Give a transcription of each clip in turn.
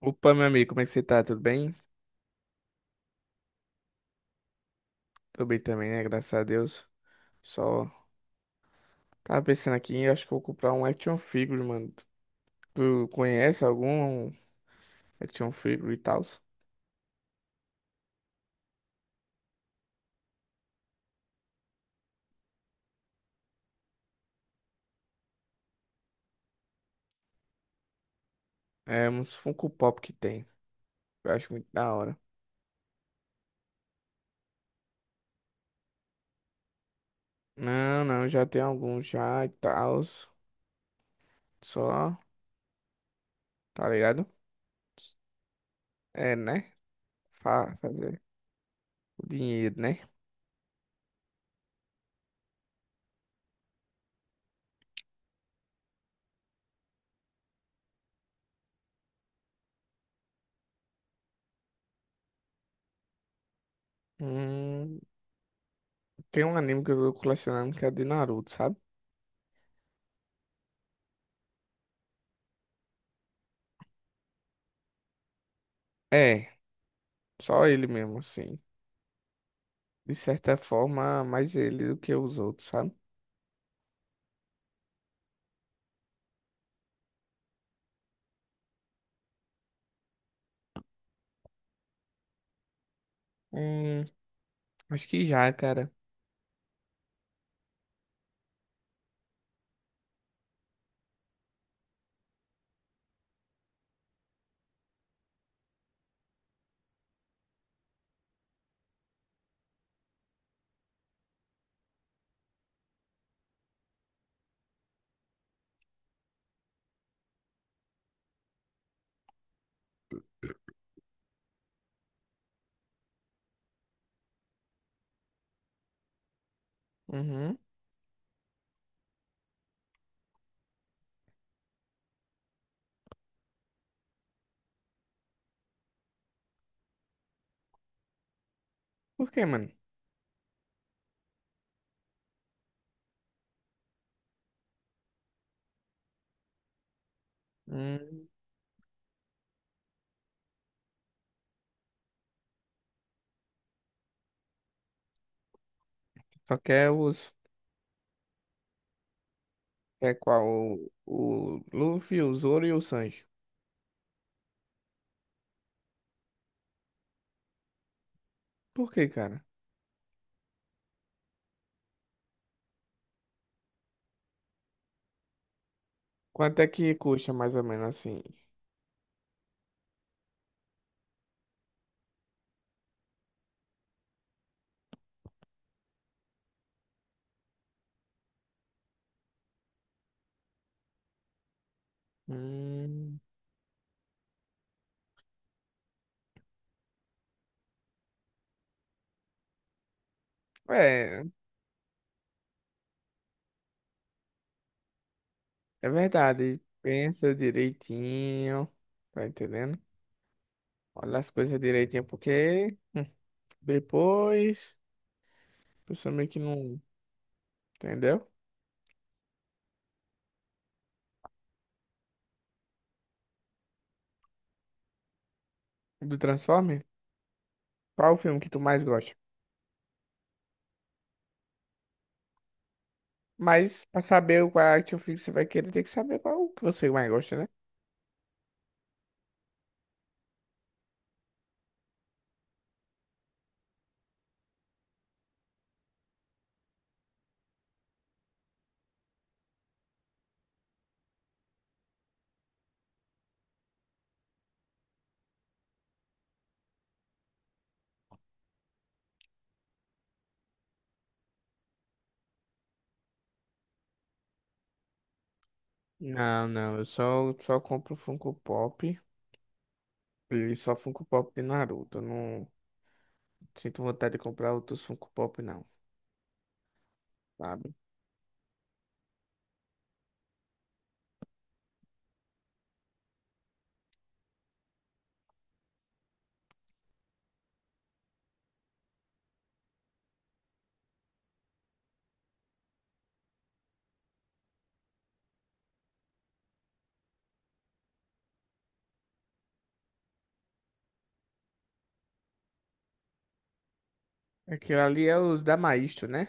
Opa, meu amigo, como é que você tá? Tudo bem? Tô bem também, né? Graças a Deus. Só tava pensando aqui, eu acho que eu vou comprar um action figure, mano. Tu conhece algum action figure e tal? É, uns Funko Pop que tem. Eu acho muito da hora. Não, não, já tem alguns já e tal. Só, tá ligado? É, né? Fa fazer o dinheiro, né? Hum, tem um anime que eu tô colecionando que é de Naruto, sabe? É, só ele mesmo, assim. De certa forma, mais ele do que os outros, sabe? Hum, acho que já, cara. Uhum. Por quê, mano? Hum, só quer os. É qual? O Luffy, o Zoro e o Sanji. Por quê, cara? Quanto é que custa mais ou menos assim? Hum, é, é verdade. Pensa direitinho. Tá entendendo? Olha as coisas direitinho, porque depois. Pessoa meio que não. Entendeu? Do Transformer? Qual o filme que tu mais gosta? Mas pra saber qual é a action figure que você vai querer, tem que saber qual que você mais gosta, né? Não, não, eu só compro Funko Pop e só Funko Pop de Naruto. Eu não sinto vontade de comprar outros Funko Pop, não, sabe? Aquilo ali é os da Maestro, né?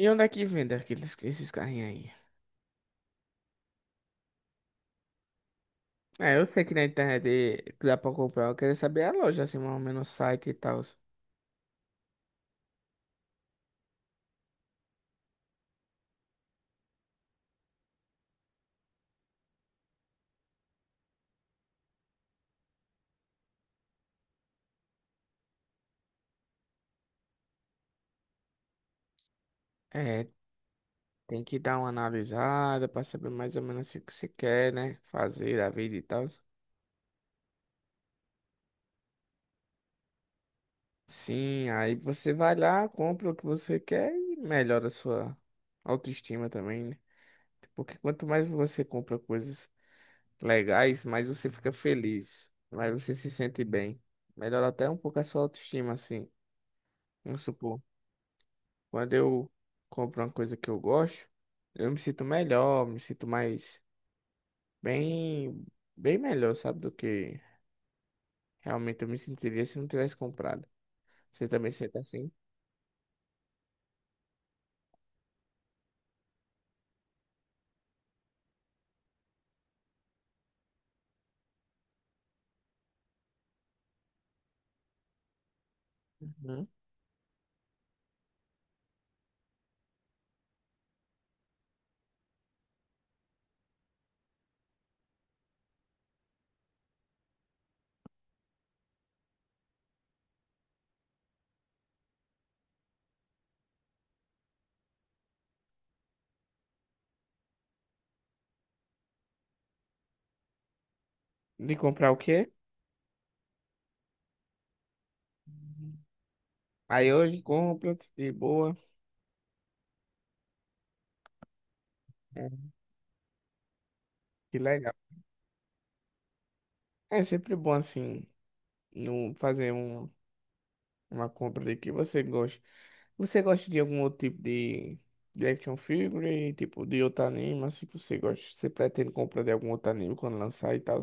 E onde é que vende aqueles, esses carrinhos aí? É, eu sei que na internet dá pra comprar, eu queria saber a loja, assim, mais ou menos o site e tal. É, tem que dar uma analisada pra saber mais ou menos o que você quer, né? Fazer a vida e tal. Sim, aí você vai lá, compra o que você quer e melhora a sua autoestima também, né? Porque quanto mais você compra coisas legais, mais você fica feliz, mais você se sente bem. Melhora até um pouco a sua autoestima, assim. Vamos supor, quando eu compro uma coisa que eu gosto, eu me sinto melhor, me sinto bem, bem melhor, sabe, do que realmente eu me sentiria se não tivesse comprado. Você também sente assim? Uhum. De comprar o quê? Aí hoje compra, de boa. É, que legal. É sempre bom assim, não fazer uma compra de que você gosta. Você gosta de algum outro tipo de action figure, tipo de outro anime, assim que você gosta? Você pretende comprar de algum outro anime quando lançar e tal?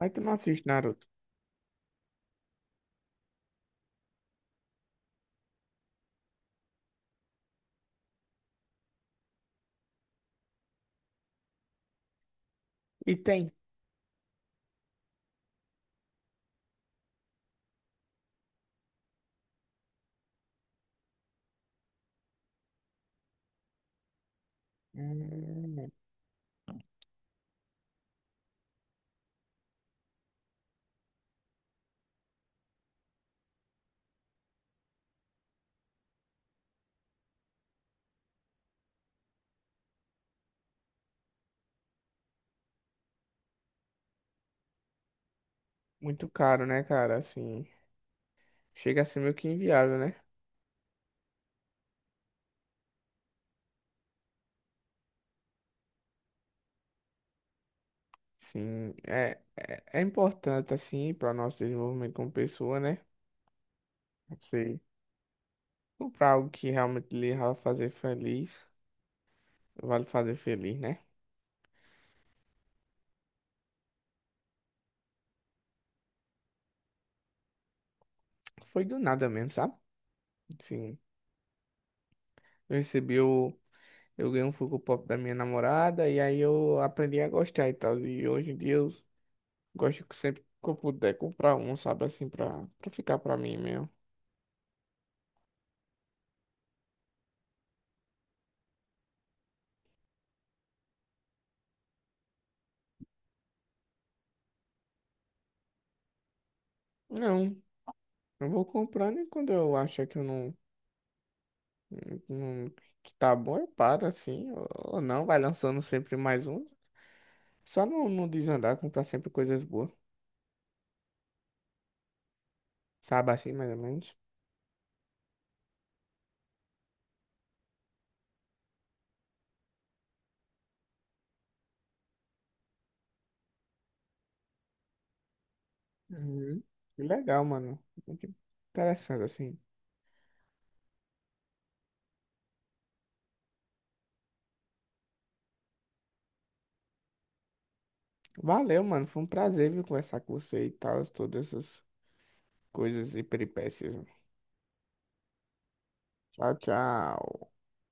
Mas tu não assiste Naruto. E tem. Hum, Muito caro, né, cara? Assim, chega a ser meio que inviável, né? Sim, é importante, assim, para o nosso desenvolvimento como pessoa, né? Você comprar algo que realmente lhe vai fazer feliz, vale fazer feliz, né? Foi do nada mesmo, sabe? Sim. Eu recebi o. Eu ganhei um Funko Pop da minha namorada e aí eu aprendi a gostar e tal. E hoje em dia eu gosto que sempre que eu puder comprar um, sabe? Assim, pra ficar pra mim mesmo. Não, eu vou comprando e quando eu achar que eu não, não- que tá bom, eu paro assim. Ou não, vai lançando sempre mais um. Só não, não desandar, comprar sempre coisas boas, sabe? Assim, mais ou menos. Uhum. Que legal, mano. Muito interessante, assim. Valeu, mano. Foi um prazer, viu, conversar com você e tal, todas essas coisas e peripécias. Tchau, tchau.